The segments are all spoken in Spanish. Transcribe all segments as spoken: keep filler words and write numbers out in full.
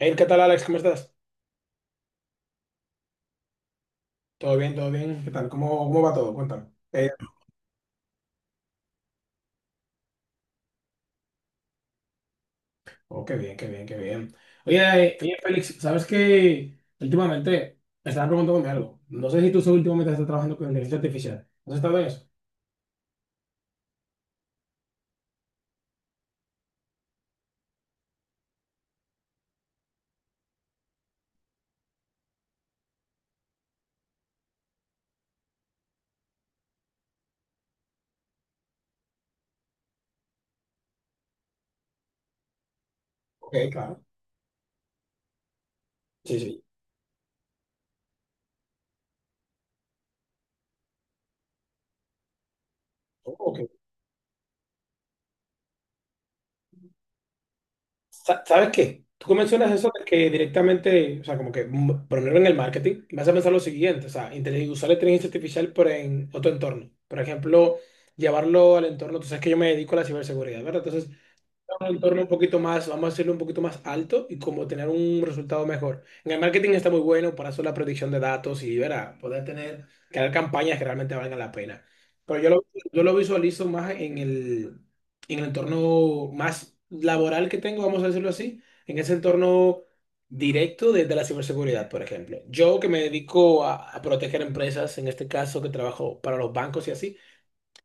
Hey, ¿qué tal, Alex? ¿Cómo estás? ¿Todo bien? ¿Todo bien? ¿Qué tal? ¿Cómo, cómo va todo? Cuéntame. Eh, oh, qué bien, qué bien, qué bien. Oye, eh, oye, Félix, ¿sabes qué? Últimamente me estaba preguntándome algo. No sé si tú últimamente estás trabajando con inteligencia artificial. ¿Has estado en eso? Ok, claro. Sí, sí. Oh, ok. Sa- ¿Sabes qué? Tú mencionas eso de que directamente, o sea, como que mm, ponerlo en el marketing. Vas a pensar lo siguiente, o sea, intele- usar la inteligencia artificial pero en otro entorno. Por ejemplo, llevarlo al entorno. Tú sabes que yo me dedico a la ciberseguridad, ¿verdad? Entonces, un entorno un poquito más, vamos a hacerlo un poquito más alto y como tener un resultado mejor. En el marketing está muy bueno para hacer la predicción de datos y verá, poder tener, crear campañas que realmente valgan la pena. Pero yo lo, yo lo visualizo más en el, en el entorno más laboral que tengo, vamos a decirlo así, en ese entorno directo desde la ciberseguridad, por ejemplo. Yo que me dedico a, a proteger empresas, en este caso que trabajo para los bancos y así.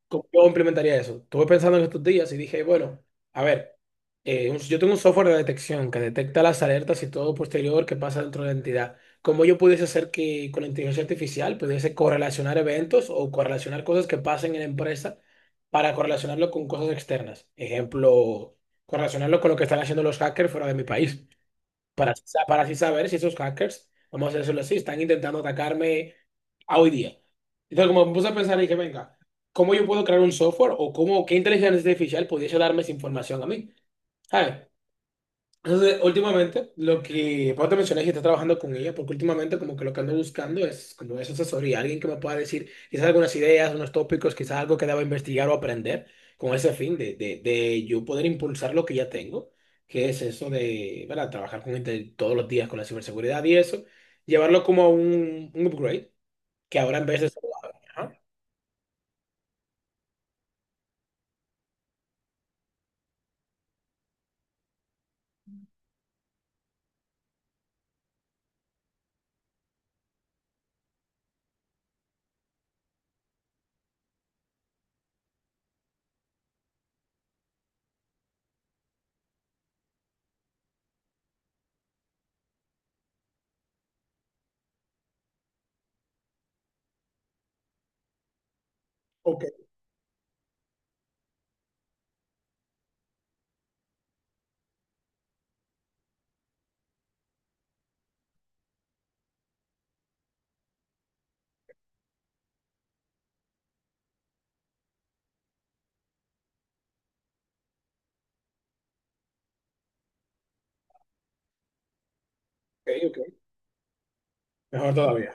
¿Cómo yo implementaría eso? Estuve pensando en estos días y dije, bueno, a ver, eh, un- yo tengo un software de detección que detecta las alertas y todo posterior que pasa dentro de la entidad. ¿Cómo yo pudiese hacer que con la inteligencia artificial pudiese correlacionar eventos o correlacionar cosas que pasen en la empresa para correlacionarlo con cosas externas? Ejemplo, correlacionarlo con lo que están haciendo los hackers fuera de mi país para, así sa- para así saber si esos hackers, vamos a decirlo así, están intentando atacarme a hoy día. Entonces, como me puse a pensar, dije, venga, ¿cómo yo puedo crear un software o cómo, qué inteligencia artificial pudiese darme esa información a mí? ¿Sabes? Entonces, últimamente, lo que vos te mencioné que estás trabajando con ella, porque últimamente como que lo que ando buscando es como esa asesoría, alguien que me pueda decir quizás algunas ideas, unos tópicos, quizás algo que deba investigar o aprender con ese fin de, de, de yo poder impulsar lo que ya tengo, que es eso de, ¿verdad? Trabajar con gente todos los días con la ciberseguridad y eso, llevarlo como a un, un upgrade, que ahora en vez de... Ajá. Ok, ok, ok. Mejor todavía.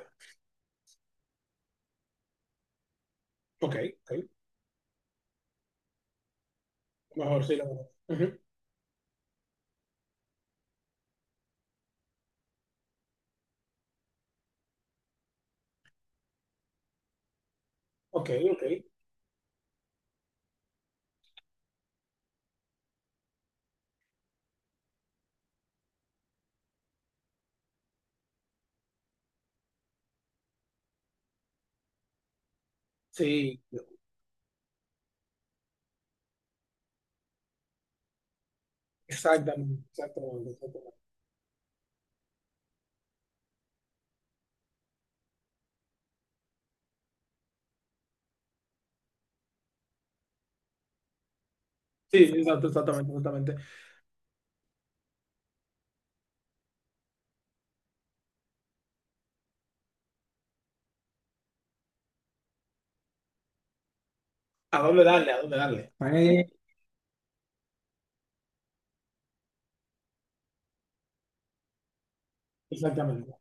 Ok, ok. Mejor sí, la verdad. Ujú. Ok, ok. Sí. Exactamente, exactamente, exactamente. Sí, exacto, exactamente, exactamente. ¿A dónde darle? ¿A dónde darle? Eh, Exactamente.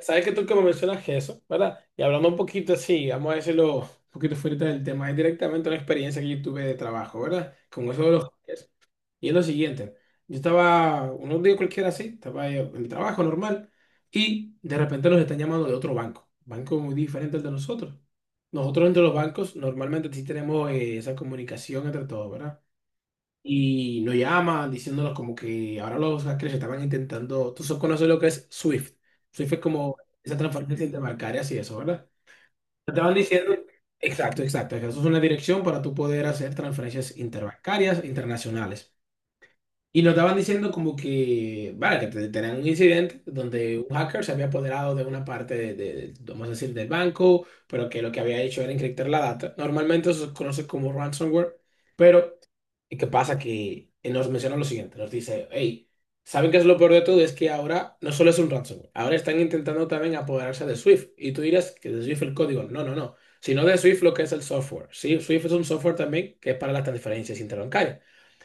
Sabes que tú que me mencionas que eso, ¿verdad? Y hablando un poquito así, vamos a decirlo un poquito fuera del tema, es directamente una experiencia que yo tuve de trabajo, ¿verdad? Con eso de los hackers. Y es lo siguiente, yo estaba unos días cualquiera así, estaba ahí en el trabajo normal y de repente nos están llamando de otro banco, banco muy diferente al de nosotros. Nosotros entre los bancos normalmente sí tenemos eh, esa comunicación entre todos, ¿verdad? Y lo llama diciéndonos como que ahora los hackers estaban intentando, tú solo conoces lo que es Swift. Swift es como esa transferencia interbancaria y eso, ¿verdad? Te estaban diciendo, exacto, exacto, que eso es una dirección para tú poder hacer transferencias interbancarias internacionales. Y nos estaban diciendo como que, vale, que te- tenían un incidente donde un hacker se había apoderado de una parte de, de- vamos a decir, del banco, pero que lo que había hecho era encriptar la data. Normalmente eso se conoce como ransomware, pero ¿y ¿qué pasa? Que nos menciona lo siguiente, nos dice, hey, ¿saben qué es lo peor de todo? Es que ahora no solo es un ransomware, ahora están intentando también apoderarse de Swift. Y tú dirás que de Swift el código, no, no, no, sino de Swift lo que es el software. Sí, Swift es un software también que es para las transferencias interbancarias.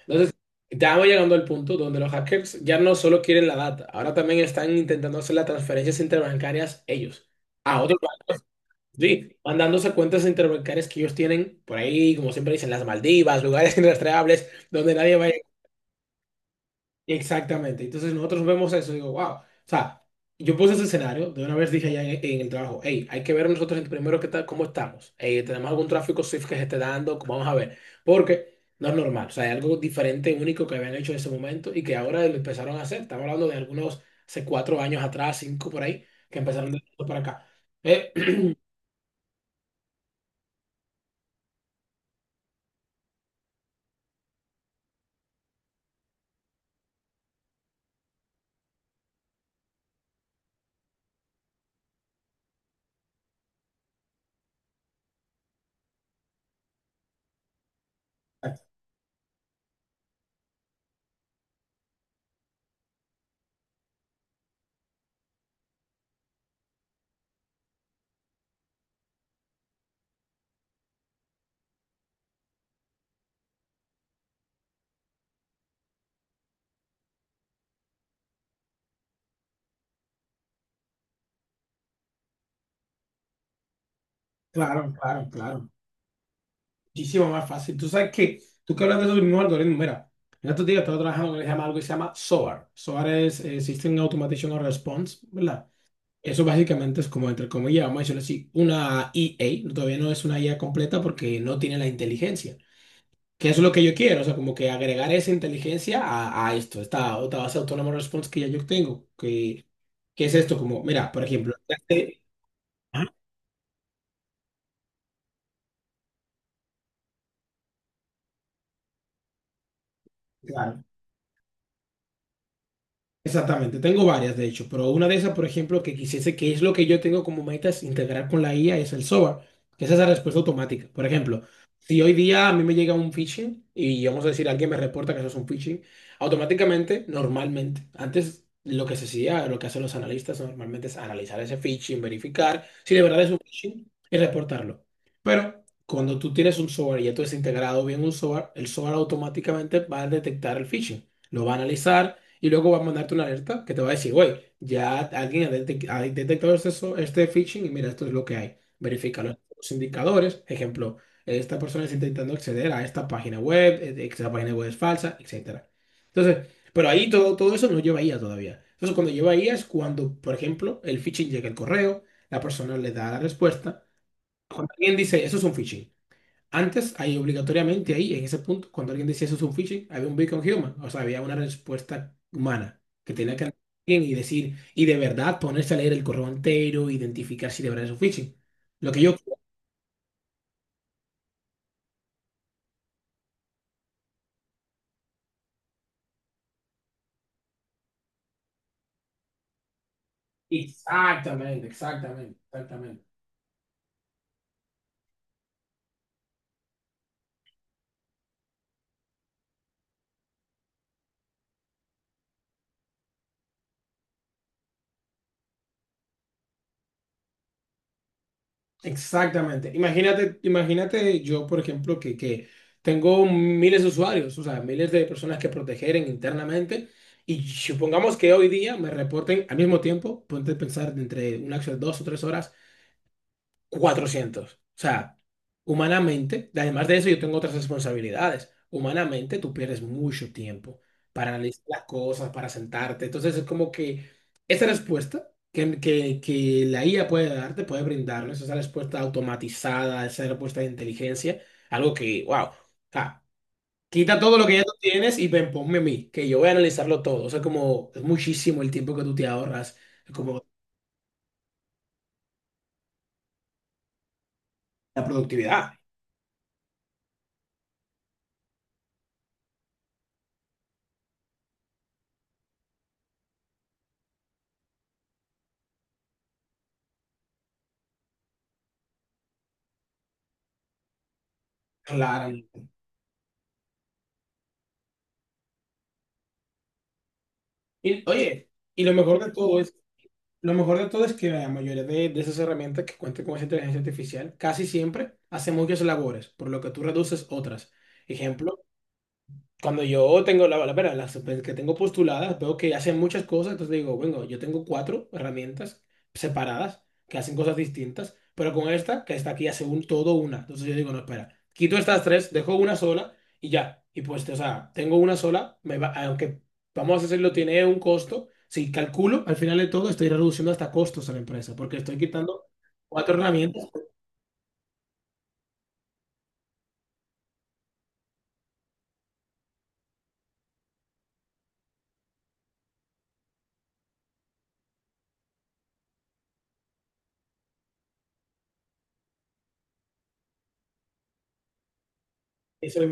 Entonces, estamos llegando al punto donde los hackers ya no solo quieren la data, ahora también están intentando hacer las transferencias interbancarias ellos, a otros bancos, sí, mandándose cuentas interbancarias que ellos tienen por ahí, como siempre dicen, las Maldivas, lugares inrastreables donde nadie va a exactamente. Entonces nosotros vemos eso y digo, wow. O sea, yo puse ese escenario, de una vez dije allá en, en el trabajo, hey, hay que ver nosotros primero qué tal, cómo estamos. Hey, tenemos algún tráfico Swift que se esté dando, vamos a ver. Porque no es normal. O sea, hay algo diferente, único que habían hecho en ese momento y que ahora lo empezaron a hacer. Estamos hablando de algunos, hace cuatro años atrás, cinco por ahí, que empezaron de esto para acá. Eh, claro, claro, claro. Muchísimo más fácil. Tú sabes que, tú que hablas de esos mismos algoritmos, mira, en estos días estaba trabajando en lo que se llama- algo que se llama SOAR. SOAR es eh, System Automation and Response, ¿verdad? Eso básicamente es como, entre comillas, vamos a decirlo así, una E A, todavía no es una I A completa porque no tiene la inteligencia. Que eso es lo que yo quiero, o sea, como que agregar esa inteligencia a, a esto, esta otra base autónoma de response que ya yo tengo, que, qué es esto, como, mira, por ejemplo, ya sé- Ajá. Claro. Exactamente, tengo varias de hecho, pero una de esas, por ejemplo, que quisiese, que es lo que yo tengo como meta es integrar con la I A, es el SOAR, que es esa respuesta automática. Por ejemplo, si hoy día a mí me llega un phishing y vamos a decir, alguien me reporta que eso es un phishing, automáticamente, normalmente, antes lo que se hacía, lo que hacen los analistas normalmente es analizar ese phishing, verificar si de verdad es un phishing y reportarlo. Pero cuando tú tienes un SOAR y ya tú has integrado bien un SOAR, el SOAR automáticamente va a detectar el phishing, lo va a analizar y luego va a mandarte una alerta que te va a decir, güey, ya alguien ha, detec- ha detectado este, so- este phishing y mira, esto es lo que hay. Verifica los, los indicadores. Ejemplo, esta persona está intentando acceder a esta página web, eh, esta página web es falsa, etcétera. Entonces, pero ahí todo, todo eso no lleva I A todavía. Entonces, cuando lleva I A es cuando, por ejemplo, el phishing llega al correo, la persona le da la respuesta. Cuando alguien dice, eso es un phishing. Antes, ahí obligatoriamente, ahí, en ese punto, cuando alguien decía eso es un phishing, había un beacon human, o sea, había una respuesta humana que tenía que andar bien y decir, y de verdad ponerse a leer el correo entero, identificar si de verdad es un phishing. Lo que yo... Exactamente, exactamente, exactamente. Exactamente. Imagínate, imagínate yo, por ejemplo, que, que tengo miles de usuarios, o sea, miles de personas que proteger en- internamente. Y supongamos que hoy día me reporten al mismo tiempo, ponte a pensar de entre una, dos o tres horas, cuatrocientos. O sea, humanamente, además de eso, yo tengo otras responsabilidades. Humanamente, tú pierdes mucho tiempo para analizar las cosas, para sentarte. Entonces, es como que esa respuesta que, que, que la I A puede darte, puede brindarnos, esa respuesta automatizada, esa respuesta de inteligencia, algo que, wow, quita todo lo que ya tú tienes y ven, ponme a mí, que yo voy a analizarlo todo. O sea, como es muchísimo el tiempo que tú te ahorras, como la productividad. Claro. Y, oye, y lo mejor de todo es, lo mejor de todo es que la mayoría de, de esas herramientas que cuentan con esa inteligencia artificial casi siempre hacen muchas labores, por lo que tú reduces otras. Ejemplo, cuando yo tengo la, la, verdad, las pues, que tengo postuladas, veo que hacen muchas cosas, entonces digo, bueno, yo tengo cuatro herramientas separadas que hacen cosas distintas, pero con esta, que está aquí hace un todo una. Entonces yo digo, no, espera, quito estas tres, dejo una sola y ya. Y pues, o sea, tengo una sola, me va, aunque vamos a decirlo, tiene un costo. Si calculo, al final de todo, estoy reduciendo hasta costos a la empresa, porque estoy quitando cuatro herramientas. Eso es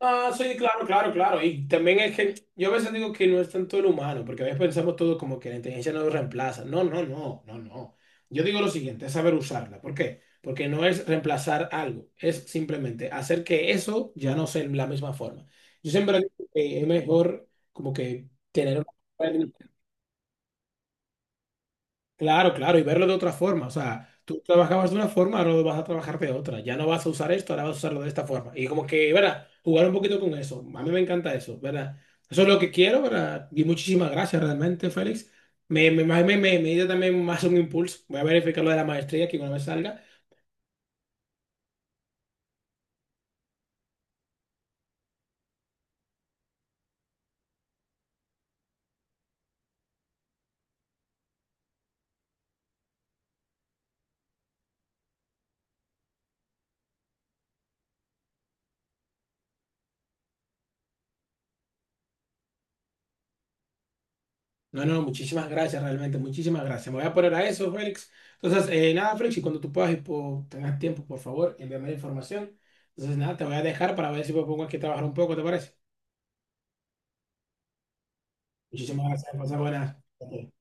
ah, sí, claro, claro, claro. Y también es que yo a veces digo que no es tanto el humano, porque a veces pensamos todo como que la inteligencia nos reemplaza. No, no, no, no, no. Yo digo lo siguiente, es saber usarla. ¿Por qué? Porque no es reemplazar algo, es simplemente hacer que eso ya no sea en la misma forma. Yo siempre digo que es mejor como que tener una claro, claro, y verlo de otra forma. O sea, tú trabajabas de una forma, ahora lo vas a trabajar de otra. Ya no vas a usar esto, ahora vas a usarlo de esta forma. Y como que, ¿verdad? Jugar un poquito con eso. A mí me encanta eso, ¿verdad? Eso es lo que quiero, ¿verdad? Y muchísimas gracias realmente, Félix. Me, me, me, me, me dio también más un impulso. Voy a verificar lo de la maestría que una vez salga. No, no, muchísimas gracias realmente, muchísimas gracias. Me voy a poner a eso, Félix. Entonces, eh, nada, Félix, y cuando tú puedas y po- tengas tiempo, por favor, envíame la información. Entonces, nada, te voy a dejar para ver si me pongo aquí a trabajar un poco, ¿te parece? Muchísimas gracias, pasa buenas. Ok.